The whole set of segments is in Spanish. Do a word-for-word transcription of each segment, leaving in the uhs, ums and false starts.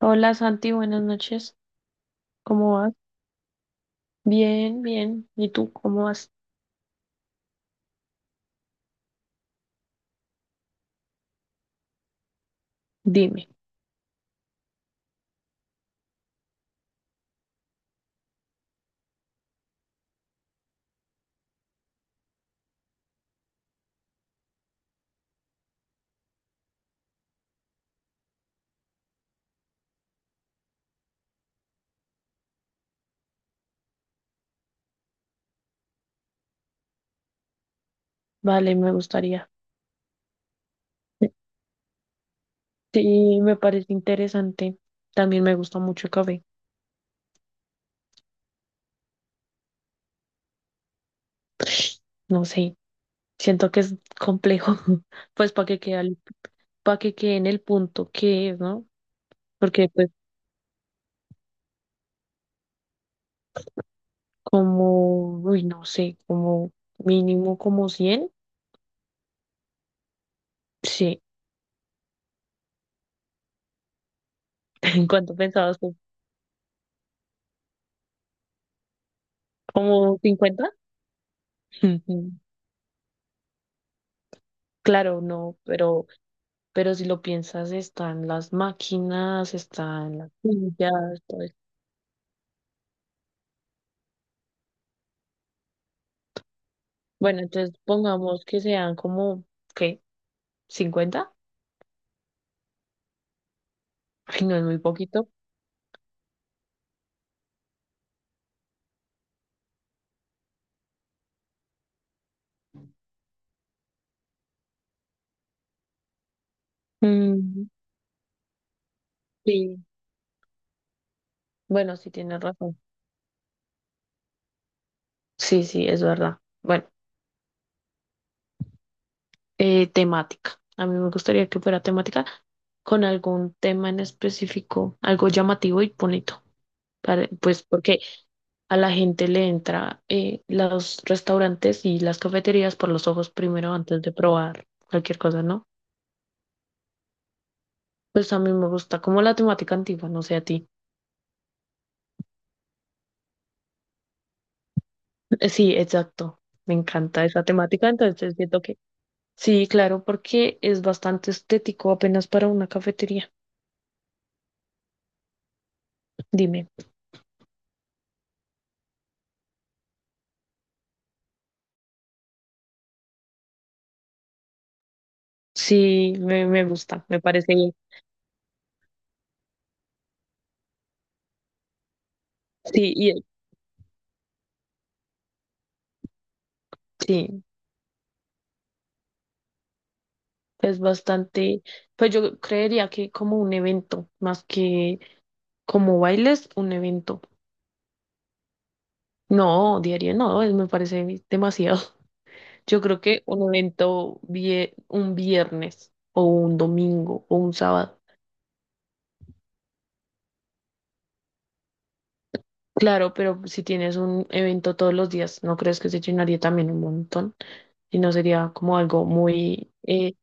Hola Santi, buenas noches. ¿Cómo vas? Bien, bien. ¿Y tú cómo vas? Dime. Vale, me gustaría. Sí, me parece interesante. También me gusta mucho el café. No sé, siento que es complejo. Pues para que quede, al- pa' que quede en el punto que es, ¿no? Porque pues como, uy, no sé, como mínimo como cien. Sí. ¿En cuánto pensabas tú? ¿Como cincuenta? Claro, no, pero Pero si lo piensas, están las máquinas, están las sillas, todo eso. Bueno, entonces pongamos que sean como, ¿qué? Cincuenta. Ay, no, es muy poquito. Mm, sí, bueno, sí tienes razón. Sí, sí, es verdad. Bueno, eh, temática. A mí me gustaría que fuera temática con algún tema en específico, algo llamativo y bonito. Para- pues porque a la gente le entra eh, los restaurantes y las cafeterías por los ojos primero antes de probar cualquier cosa, ¿no? Pues a mí me gusta como la temática antigua, no sé a ti. Eh, Sí, exacto. Me encanta esa temática, entonces siento que sí, claro, porque es bastante estético apenas para una cafetería. Dime. Sí, me, me gusta, me parece bien. Sí, y sí, es bastante, pues yo creería que como un evento más que como bailes, un evento. No, diario no, es- me parece demasiado. Yo creo que un evento vie- un viernes o un domingo o un sábado. Claro, pero si tienes un evento todos los días, ¿no crees que se llenaría también un montón? Y no sería como algo muy... eh,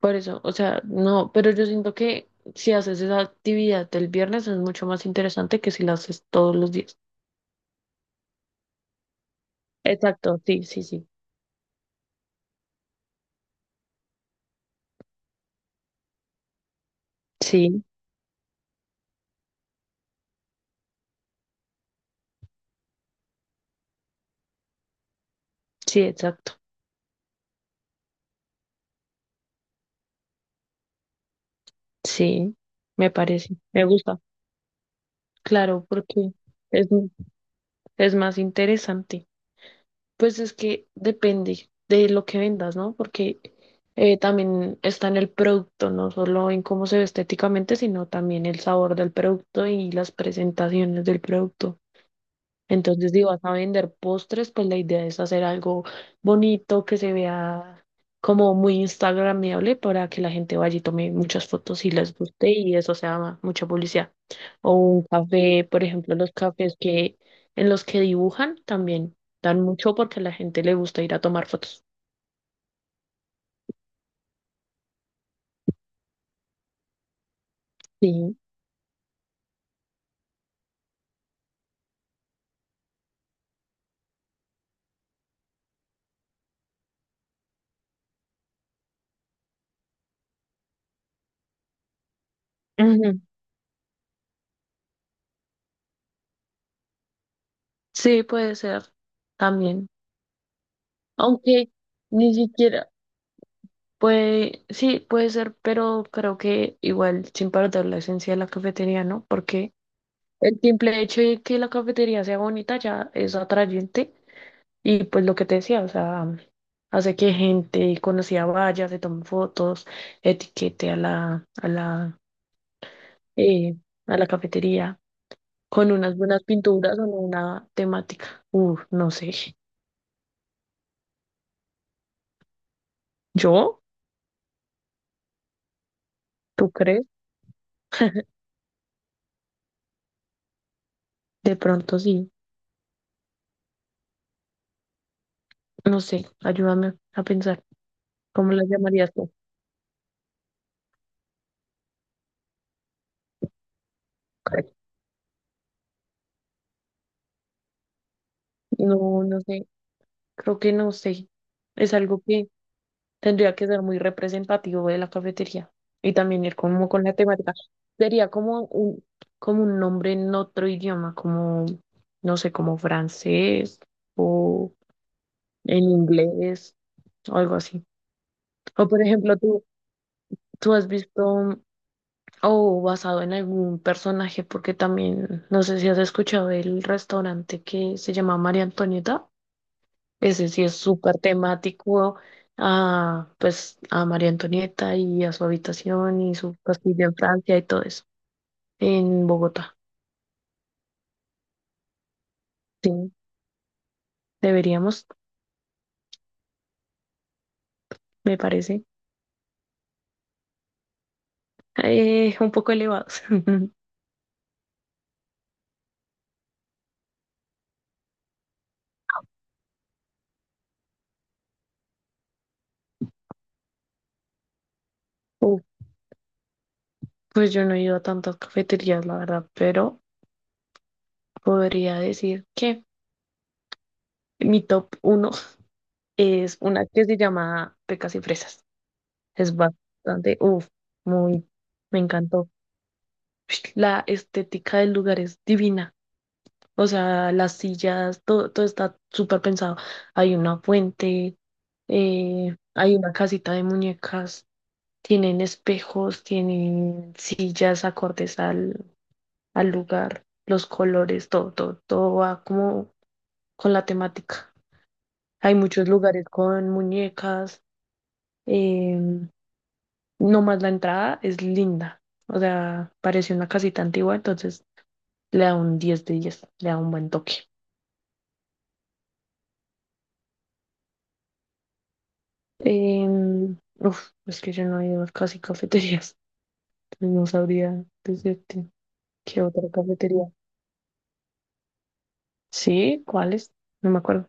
Por eso, o sea, no, pero yo siento que si haces esa actividad el viernes es mucho más interesante que si la haces todos los días. Exacto, sí, sí, sí. Sí, sí, exacto. Sí, me parece, me gusta. Claro, porque es, es más interesante. Pues es que depende de lo que vendas, ¿no? Porque eh, también está en el producto, no solo en cómo se ve estéticamente, sino también el sabor del producto y las presentaciones del producto. Entonces, si vas a vender postres, pues la idea es hacer algo bonito, que se vea como muy instagramable para que la gente vaya y tome muchas fotos y les guste y eso sea mucha publicidad. O un café, por ejemplo, los cafés que en los que dibujan también dan mucho porque a la gente le gusta ir a tomar fotos. Sí. Ujú. Sí, puede ser también. Aunque ni siquiera puede, sí, puede ser, pero creo que igual sin perder la esencia de la cafetería, ¿no? Porque el simple hecho de que la cafetería sea bonita ya es atrayente. Y pues lo que te decía, o sea, hace que gente conocida vaya, se tome fotos, etiquete a la, a la, eh, a la cafetería con unas buenas pinturas o en una temática. Uf, no sé. ¿Yo? ¿Tú crees? De pronto sí. No sé, ayúdame a pensar. ¿Cómo la llamarías tú? No, no sé. Creo que no sé. Es algo. Tendría que ser muy representativo de la cafetería y también ir como con la temática. Sería como un, como un nombre en otro idioma, como, no sé, como francés o en inglés o algo así. O por ejemplo, tú, tú has visto o basado en algún personaje, porque también, no sé si has escuchado el restaurante que se llama María Antonieta. Ese sí es súper temático a, pues, a María Antonieta y a su habitación y su castillo en Francia y todo eso, en Bogotá. Sí, deberíamos, me parece, eh, un poco elevados. Uf, pues yo no he ido a tantas cafeterías, la verdad, pero podría decir que mi top uno es una que se llama Pecas y Fresas. Es bastante, uff, muy, me encantó. La estética del lugar es divina. O sea, las sillas, todo, todo está súper pensado. Hay una fuente, eh, hay una casita de muñecas, tienen espejos, tienen sillas acordes al, al lugar, los colores, todo, todo, todo va como con la temática. Hay muchos lugares con muñecas, em, nomás la entrada es linda. O sea, parece una casita antigua, entonces le da un diez de diez, le da un buen toque. Em, uf, es que yo no he ido a casi cafeterías, entonces no sabría decirte qué otra cafetería. Sí, ¿cuáles? No me acuerdo.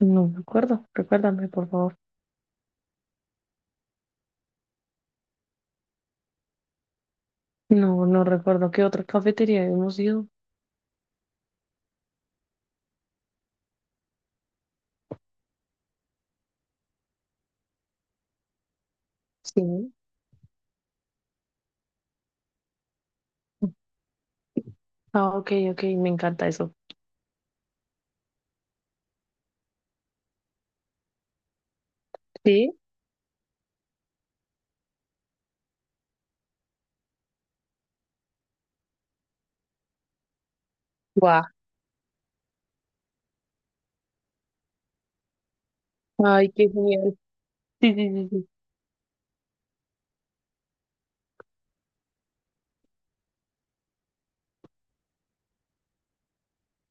No me acuerdo. Recuérdame, por favor. No, no recuerdo qué otra cafetería hemos ido. Sí. Ah, ok, ok, me encanta eso. Sí, guau. Ay, qué genial. Sí, sí, sí, sí.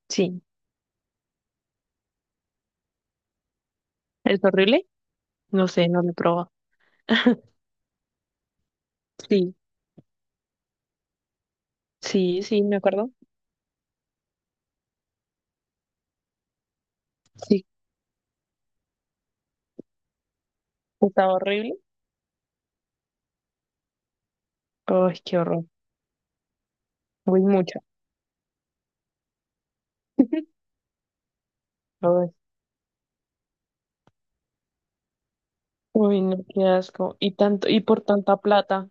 Sí, ¿es horrible? No sé, no lo he probado. Sí, sí, sí, me acuerdo. Sí, estaba horrible. Ay, qué horror. Uy, mucha. Ay, uy, no, qué asco. Y tanto, y por tanta plata.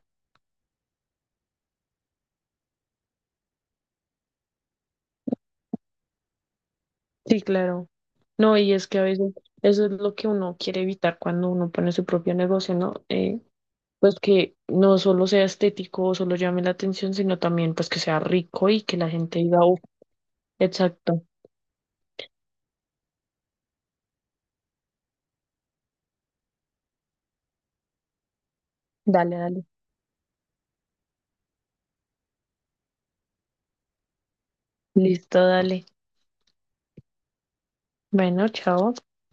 Sí, claro. No, y es que a veces eso es lo que uno quiere evitar cuando uno pone su propio negocio, ¿no? Eh, pues que no solo sea estético o solo llame la atención, sino también pues que sea rico y que la gente diga: "Uf, exacto." Dale, dale. Listo, dale. Bueno, chao.